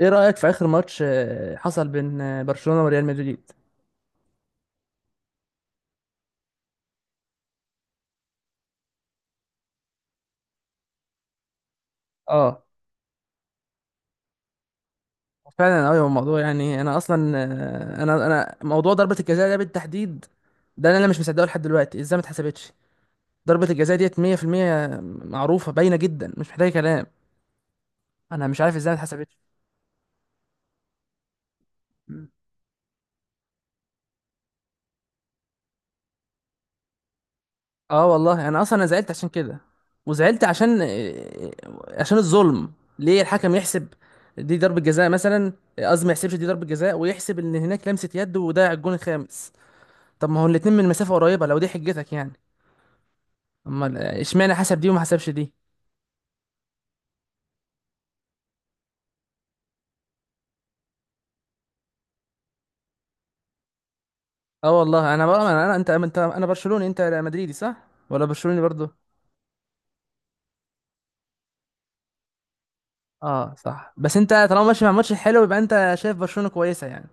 ايه رأيك في اخر ماتش حصل بين برشلونة وريال مدريد؟ اه، فعلا قوي الموضوع يعني انا اصلا. انا موضوع ضربة الجزاء ده بالتحديد، ده انا مش مصدقه لحد دلوقتي ازاي ما اتحسبتش. ضربة الجزاء ديت 100%، معروفة باينة جدا مش محتاجة كلام. انا مش عارف ازاي ما اتحسبتش. مم. اه والله انا اصلا انا زعلت عشان كده، وزعلت عشان عشان الظلم. ليه الحكم يحسب دي ضربة جزاء مثلا، قصدي ما يحسبش دي ضربة جزاء ويحسب ان هناك لمسة يد وضيع الجون الخامس؟ طب ما هو الاتنين من مسافة قريبة لو دي حجتك يعني، امال اشمعنى حسب دي وما حسبش دي. اه والله انا بقى انت انا برشلوني، انت مدريدي صح ولا برشلوني برضو؟ اه صح، بس انت طالما ماشي مع ماتش حلو يبقى انت شايف برشلونة كويسة يعني.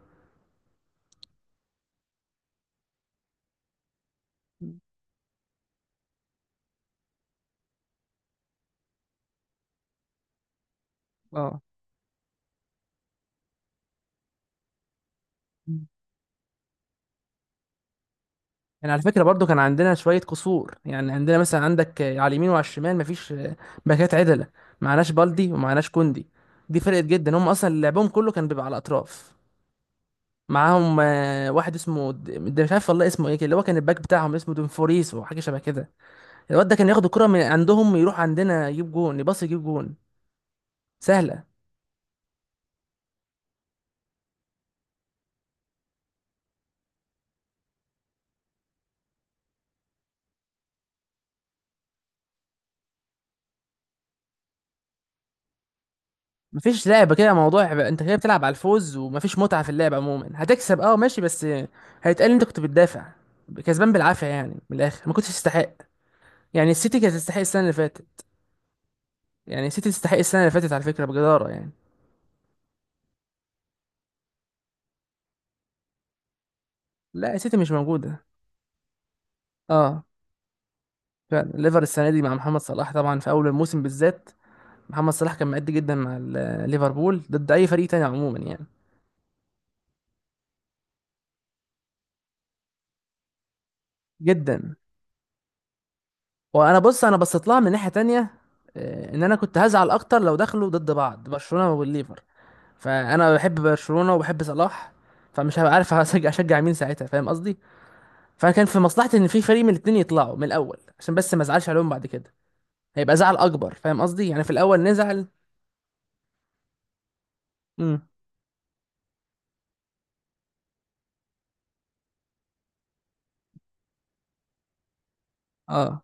اه. يعني على فكرة برضو كان عندنا شوية قصور يعني، عندنا مثلا عندك على اليمين وعلى الشمال مفيش باكات عدلة، معناش بالدي ومعناش كوندي، دي فرقت جدا. هم اصلا لعبهم كله كان بيبقى على الاطراف. معاهم واحد اسمه ده مش عارف والله اسمه ايه كده، اللي هو كان الباك بتاعهم اسمه دونفوريس وحاجه شبه كده. الواد ده كان ياخد الكره من عندهم، يروح عندنا يجيب جون، يباص يجيب جون، سهله. مفيش لعبه كده موضوع بقى. انت كده بتلعب على الفوز ومفيش متعه في اللعب عموما. هتكسب اه ماشي، بس هيتقال انت كنت بتدافع، كسبان بالعافيه يعني. من الاخر ما كنتش تستحق. يعني السيتي كانت تستحق السنه اللي فاتت. يعني السيتي تستحق السنه اللي فاتت على فكره بجداره يعني. لا السيتي مش موجوده. اه فعلا الليفر السنه دي مع محمد صلاح طبعا، في اول الموسم بالذات محمد صلاح كان مأدي جدا مع ليفربول ضد اي فريق تاني عموما يعني. جدا. وانا بص انا بصيت لها من ناحيه تانية، ان انا كنت هزعل اكتر لو دخلوا ضد بعض برشلونه والليفر، فانا بحب برشلونه وبحب صلاح، فمش هبقى عارف هشجع اشجع مين ساعتها، فاهم قصدي؟ فكان في مصلحتي ان في فريق من الاتنين يطلعوا من الاول عشان بس ما ازعلش عليهم بعد كده. هيبقى زعل اكبر، فاهم قصدي يعني، في الاول نزعل. امم اه.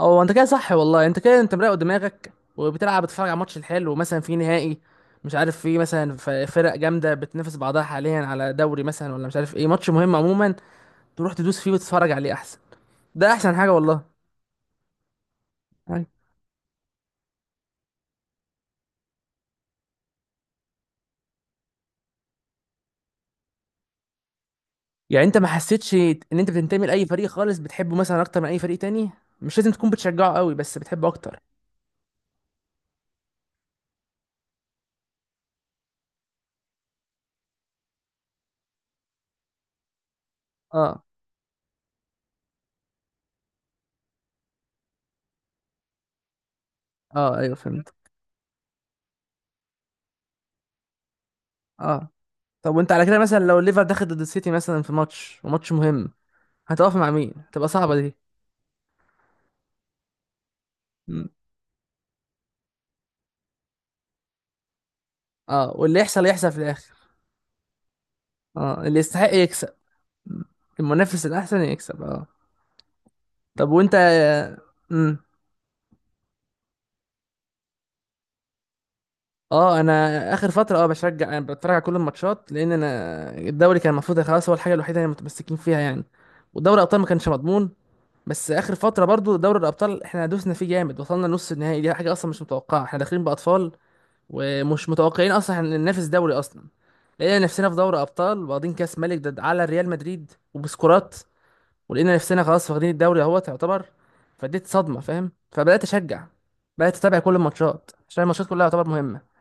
هو انت كده صح والله، انت كده انت مراقب دماغك وبتلعب بتتفرج على ماتش الحلو، مثلا في نهائي مش عارف، في مثلا فرق جامده بتنافس بعضها حاليا على دوري مثلا ولا مش عارف ايه، ماتش مهم عموما تروح تدوس فيه وتتفرج عليه احسن. ده احسن حاجه والله. أيوة. يعني انت ما حسيتش ان انت بتنتمي لاي فريق خالص بتحبه مثلا اكتر من اي فريق تاني؟ مش لازم تكون بتشجعه قوي بس بتحبه اكتر. اه. اه ايوه فهمت. اه. طب وانت على كده مثلا لو الليفر دخل ضد السيتي مثلا في ماتش، وماتش مهم، هتقف مع مين؟ هتبقى صعبه دي. اه واللي يحصل يحصل في الاخر. اه اللي يستحق يكسب. المنافس الاحسن يكسب، اه. طب وانت. امم اه انا. اخر فتره اه بشجع، انا بتفرج على كل الماتشات، لان انا الدوري كان المفروض خلاص هو الحاجه الوحيده اللي متمسكين فيها يعني، ودوري الابطال ما كانش مضمون. بس اخر فتره برضو دوري الابطال احنا دوسنا فيه جامد وصلنا نص النهائي، دي حاجه اصلا مش متوقعه، احنا داخلين باطفال ومش متوقعين اصلا احنا ننافس دوري اصلا. لقينا نفسنا في دوري ابطال، واخدين كاس ملك ضد على ريال مدريد وبسكورات، ولقينا نفسنا خلاص واخدين الدوري اهوت يعتبر، فديت صدمه فاهم، فبدات اشجع، بدات اتابع كل الماتشات عشان الماتشات كلها يعتبر مهمه.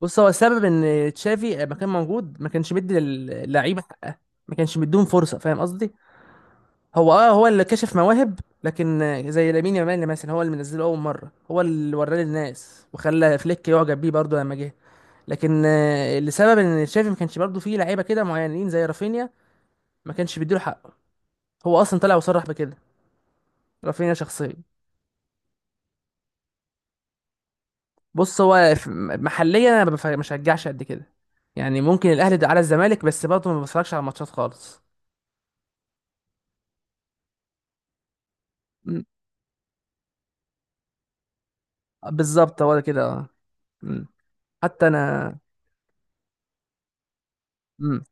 بص هو السبب ان تشافي لما كان موجود ما كانش مدي للعيبه حقها، ما كانش مديهم فرصه فاهم قصدي. هو اه هو اللي كشف مواهب لكن زي لامين يامال مثلا هو اللي منزله اول مره، هو اللي وراه للناس وخلى فليك يعجب بيه برضه لما جه. لكن لسبب ان تشافي ما كانش برضه فيه لعيبه كده معينين زي رافينيا ما كانش بيديله حقه، هو اصلا طلع وصرح بكده رافينيا شخصيا. بص هو محليا انا ما بشجعش قد كده، يعني ممكن الاهلي ده على الزمالك بس برضه ما بتفرجش على الماتشات خالص. مم. بالظبط هو ده كده آه. مم. حتى انا. مم.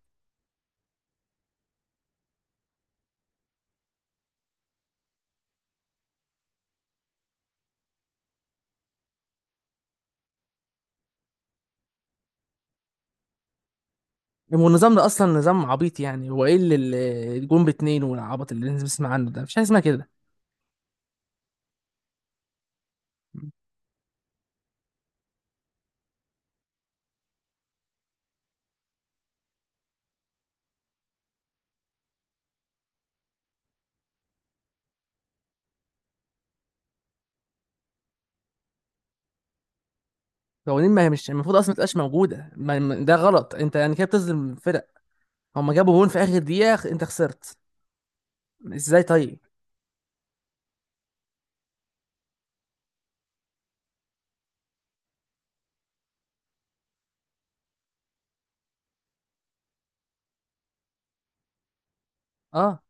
والنظام ده اصلا نظام عبيط يعني، هو ايه اللي اللي الجون باتنين والعبط اللي الناس بتسمع عنه ده؟ مفيش حاجه اسمها كده. قوانين، ما هي مش المفروض اصلا ما تبقاش موجوده. ده غلط، انت يعني كده بتظلم فرق، هما جابوا جون في اخر دقيقه، انت خسرت ازاي طيب؟ اه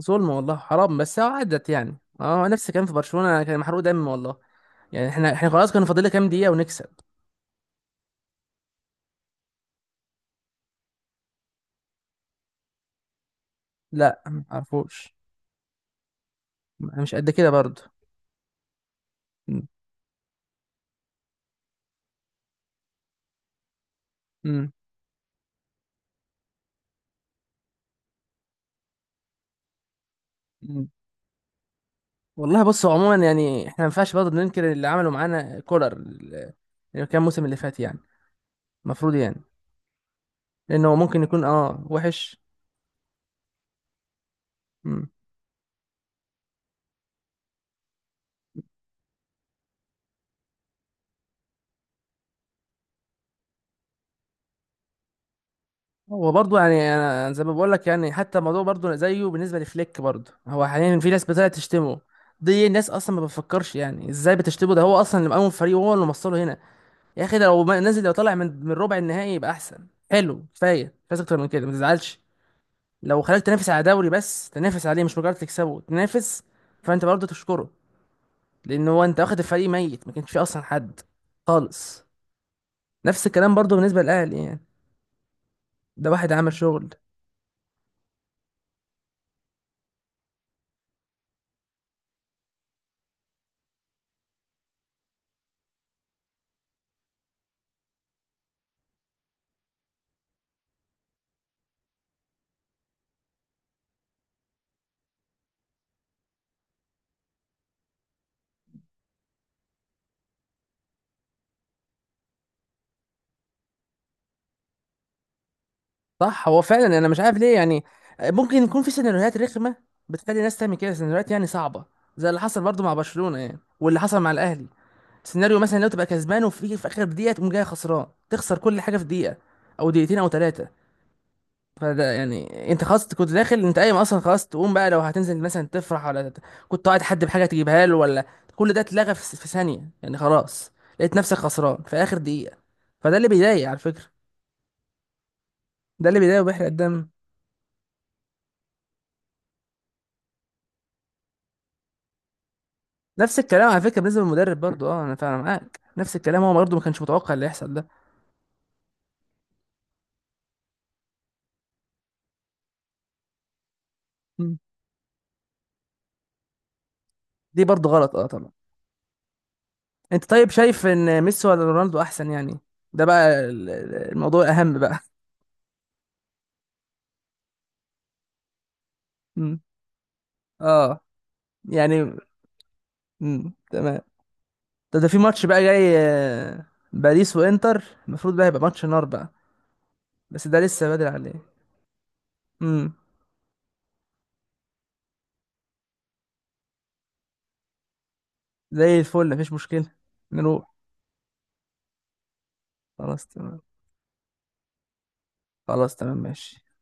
ظلم والله حرام، بس هو عدت يعني. اه نفس الكلام في برشلونه، كان محروق دم والله. يعني احنا احنا خلاص كانوا فاضل لنا كام دقيقة ونكسب. لا ما عرفوش. انا مش قد كده برضه. م- م- م. والله بص هو عموما يعني احنا ما ينفعش برضه ننكر اللي عملوا معانا كولر، اللي كان الموسم اللي فات يعني، المفروض يعني، لانه هو ممكن يكون اه وحش. م. هو برضه يعني انا زي ما بقول لك يعني، حتى الموضوع برضه زيه بالنسبة لفليك برضه، هو حاليا في ناس بتطلع تشتمه. دي الناس اصلا ما بتفكرش يعني ازاي بتشتمه، ده هو اصلا اللي مقوم الفريق وهو اللي موصله هنا. يا اخي ده لو نازل، لو طالع من من ربع النهائي يبقى احسن، حلو كفايه مش عايز اكتر من كده، ما تزعلش. لو خلاك تنافس على دوري، بس تنافس عليه مش مجرد تكسبه، تنافس، فانت برضه تشكره. لان هو انت واخد الفريق ميت، ما كانش فيه اصلا حد خالص. نفس الكلام برضه بالنسبه للاهلي يعني، ده واحد عمل شغل. صح، هو فعلا انا مش عارف ليه يعني. ممكن يكون في سيناريوهات رخمه بتخلي الناس تعمل كده، سيناريوهات يعني صعبه زي اللي حصل برضه مع برشلونه يعني، واللي حصل مع الاهلي. سيناريو مثلا لو تبقى كسبان، وفي في اخر دقيقه تقوم جاي خسران، تخسر كل حاجه في دقيقه او دقيقتين او ثلاثه، فده يعني انت خلاص كنت داخل، انت قايم اصلا خلاص تقوم بقى لو هتنزل مثلا تفرح ولا كنت قاعد حد بحاجه تجيبها له ولا، كل ده اتلغى في ثانيه يعني خلاص، لقيت نفسك خسران في اخر دقيقه. فده اللي بيضايق على فكره، ده اللي بيضايق وبيحرق الدم. نفس الكلام على فكره بالنسبه للمدرب برضه، اه انا فعلا معاك نفس الكلام، هو برضه ما كانش متوقع اللي يحصل ده. مم. دي برضه غلط اه طبعا. انت طيب شايف ان ميسي ولا رونالدو احسن يعني؟ ده بقى الموضوع الاهم بقى. مم. اه. يعني. مم. تمام. ده في ماتش بقى جاي باريس وانتر، المفروض بقى يبقى ماتش نار بقى. بس ده لسه بدري عليه. امم زي الفل مفيش مشكلة. نروح. خلاص تمام. خلاص تمام ماشي.